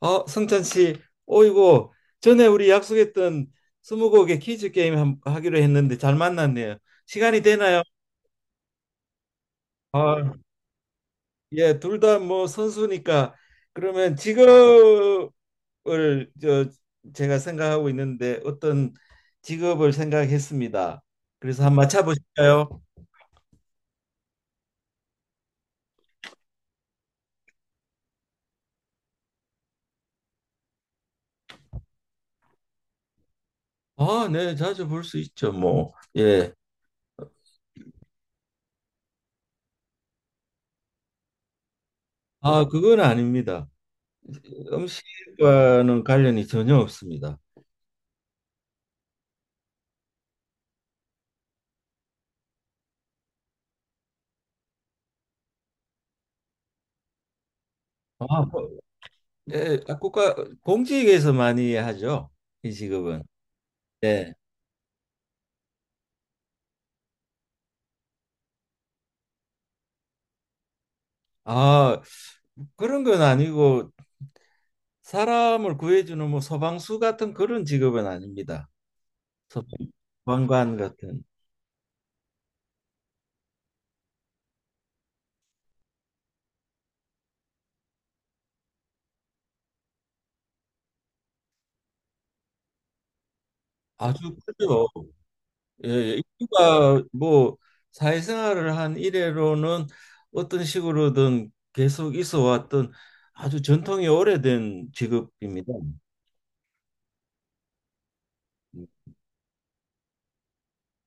아, 성찬 씨, 어이구, 전에 우리 약속했던 스무고개 퀴즈 게임 하기로 했는데 잘 만났네요. 시간이 되나요? 아, 예, 둘 다 뭐 선수니까 그러면 직업을 저 제가 생각하고 있는데 어떤 직업을 생각했습니다. 그래서 한번 맞춰보실까요? 아, 네, 자주 볼 수 있죠, 뭐. 예. 아, 그건 아닙니다. 음식과는 관련이 전혀 없습니다. 아, 뭐, 예, 아, 국가 공직에서 많이 하죠, 이 직업은. 네. 아, 그런 건 아니고 사람을 구해주는 뭐 소방수 같은 그런 직업은 아닙니다. 소방관 같은. 아주 크죠. 예, 예. 인류가 뭐 사회생활을 한 이래로는 어떤 식으로든 계속 있어 왔던 아주 전통이 오래된 직업입니다.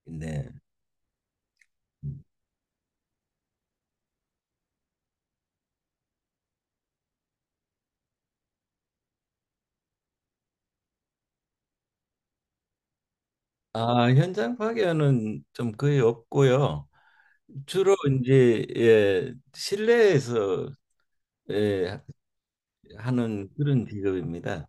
네. 음. 아, 현장 파견은 좀 거의 없고요. 주로 이제 예, 실내에서 예, 하는 그런 직업입니다.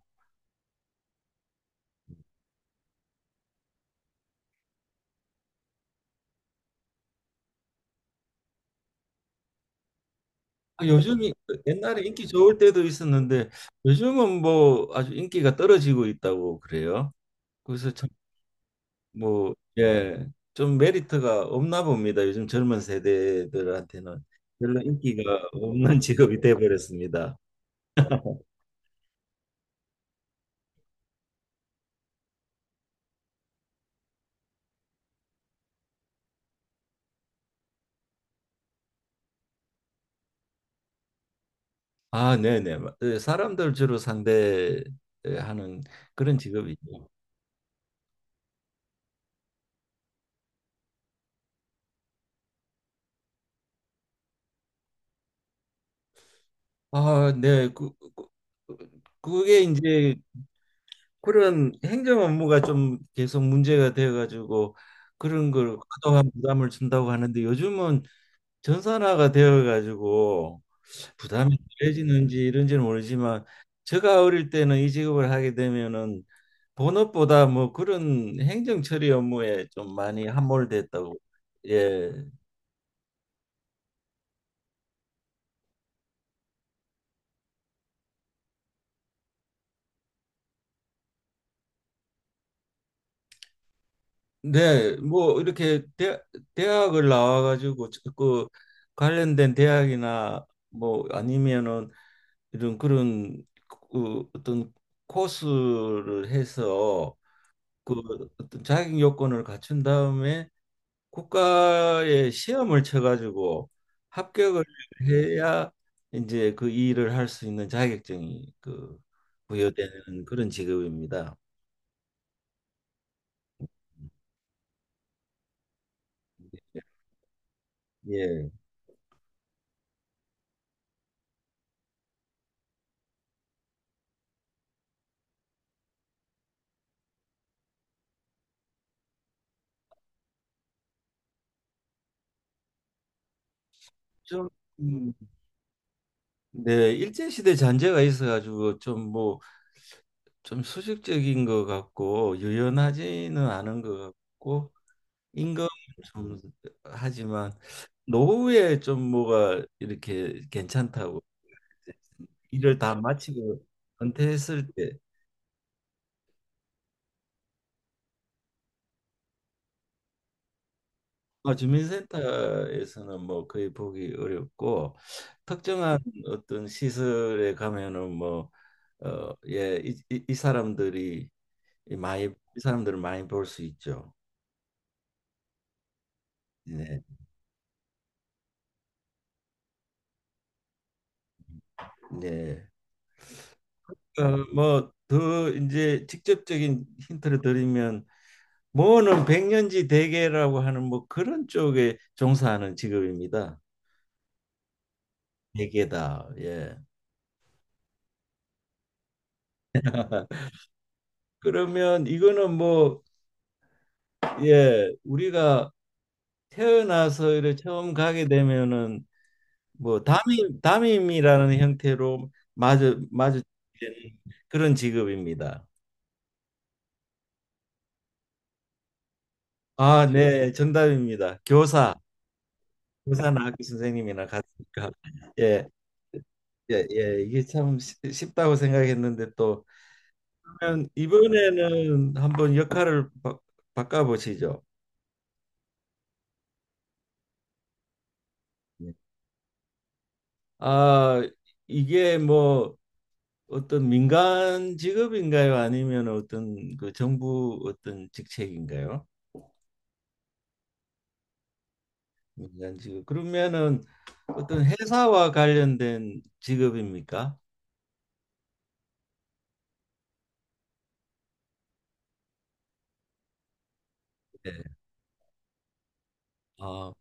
아, 요즘이 그 옛날에 인기 좋을 때도 있었는데 요즘은 뭐 아주 인기가 떨어지고 있다고 그래요. 그래서 참 뭐 예, 좀 메리트가 없나 봅니다. 요즘 젊은 세대들한테는 별로 인기가 없는 직업이 돼 버렸습니다. 아, 네네. 예, 사람들 주로 상대하는 그런 직업이죠. 아, 네. 그- 그게 이제 그런 행정 업무가 좀 계속 문제가 되어 가지고 그런 걸 과도한 부담을 준다고 하는데 요즘은 전산화가 되어 가지고 부담이 덜해지는지 이런지는 모르지만 제가 어릴 때는 이 직업을 하게 되면은 본업보다 뭐 그런 행정 처리 업무에 좀 많이 함몰됐다고. 예. 네, 뭐 이렇게 대학을 나와가지고 그 관련된 대학이나 뭐 아니면은 이런 그런 그 어떤 코스를 해서 그 어떤 자격 요건을 갖춘 다음에 국가에 시험을 쳐가지고 합격을 해야 이제 그 일을 할 수 있는 자격증이 그 부여되는 그런 직업입니다. 예, 예. 좀 음, 네, 일제시대 잔재가 있어가지고 좀 뭐 좀 수직적인 것 같고 유연하지는 않은 것 같고 임금 좀 하지만 노후에 좀 뭐가 이렇게 괜찮다고 일을 다 마치고 은퇴했을 때. 어, 주민센터에서는 뭐 거의 보기 어렵고 특정한 어떤 시설에 가면은 뭐 어, 예, 이 사람들이 많이 이 사람들을 많이 볼 수 있죠. 네. 네. 뭐 더 이제 직접적인 힌트를 드리면 뭐는 백년지 대계라고 하는 뭐 그런 쪽에 종사하는 직업입니다. 대계다. 예. 그러면 이거는 뭐 예, 우리가 태어나서 이렇게 처음 가게 되면은 뭐 담임 담임이라는 형태로 마주치는 그런 직업입니다. 아, 네, 정답입니다. 교사, 교사나 학교 선생님이나 같으니까. 예. 예, 예, 이게 참 쉽다고 생각했는데 또 그러면 이번에는 한번 역할을 바꿔보시죠. 예. 아, 이게 뭐 어떤 민간 직업인가요? 아니면 어떤 그 정부 어떤 직책인가요? 민간 직업. 그러면은 어떤 회사와 관련된 직업입니까? 네. 아,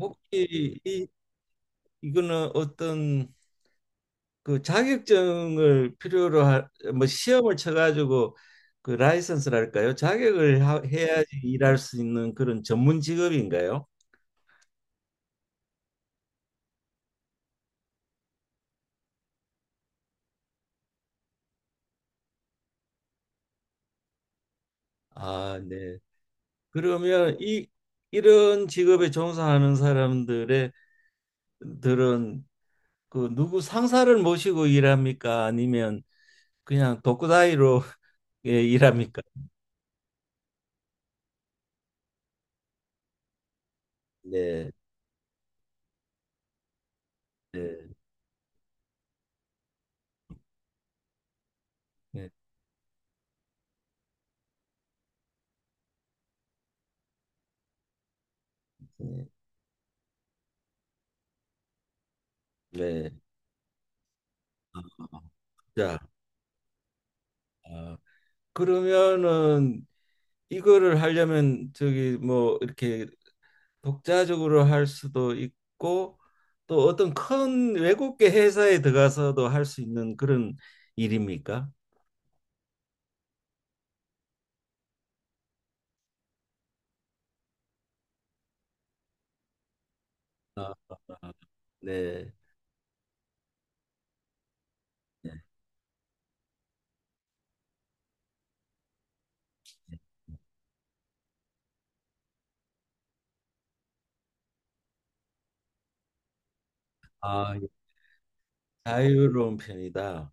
혹시 이거는 어떤 그 자격증을 필요로 하 뭐 시험을 쳐가지고 그 라이선스랄까요? 자격을 해야지 일할 수 있는 그런 전문 직업인가요? 아, 네. 그러면 이 이런 직업에 종사하는 사람들의 들은 그 누구 상사를 모시고 일합니까? 아니면 그냥 독구다이로 예, 일합니까? 네, 네, 네, 네. 네. 아, 자, 아, 그러면은 이거를 하려면 저기 뭐 이렇게 독자적으로 할 수도 있고 또 어떤 큰 외국계 회사에 들어가서도 할 수 있는 그런 일입니까? 아, 네. 네. 아, 예. 자유로운 편이다.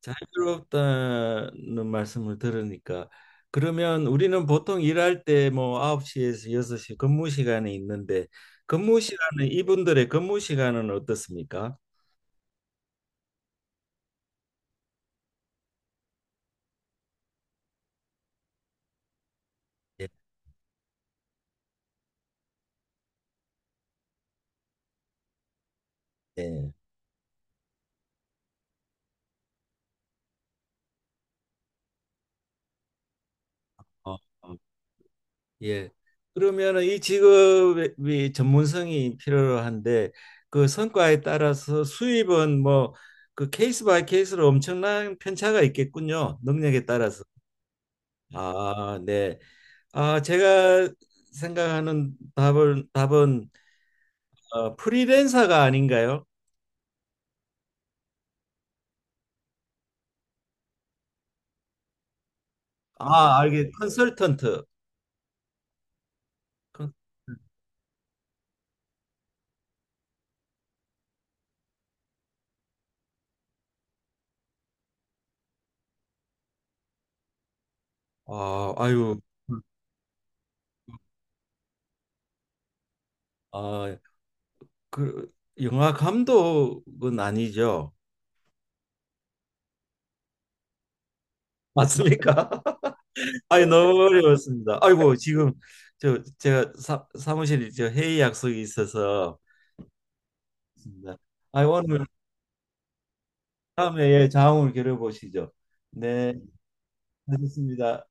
자유롭다는 말씀을 들으니까 그러면 우리는 보통 일할 때 뭐 9시에서 6시 근무 시간이 있는데 근무 시간은 이분들의 근무 시간은 어떻습니까? 예. 예. 어, 어. 예. 그러면은 이 직업이 전문성이 필요한데 그 성과에 따라서 수입은 뭐 그 케이스 바이 케이스로 엄청난 편차가 있겠군요. 능력에 따라서. 아, 네. 아, 제가 생각하는 답은 답은 어, 프리랜서가 아닌가요? 아, 알게 컨설턴트. 컨-. 아, 아유. 아, 그 영화 감독은 아니죠. 맞습니까? 아이 너무 어려웠습니다. 아이고 지금 저 제가 사무실이 저 회의 약속이 있어서 있습니다. 아이 오늘 다음에 예, 자웅을 겨뤄보시죠. 네, 하셨습니다.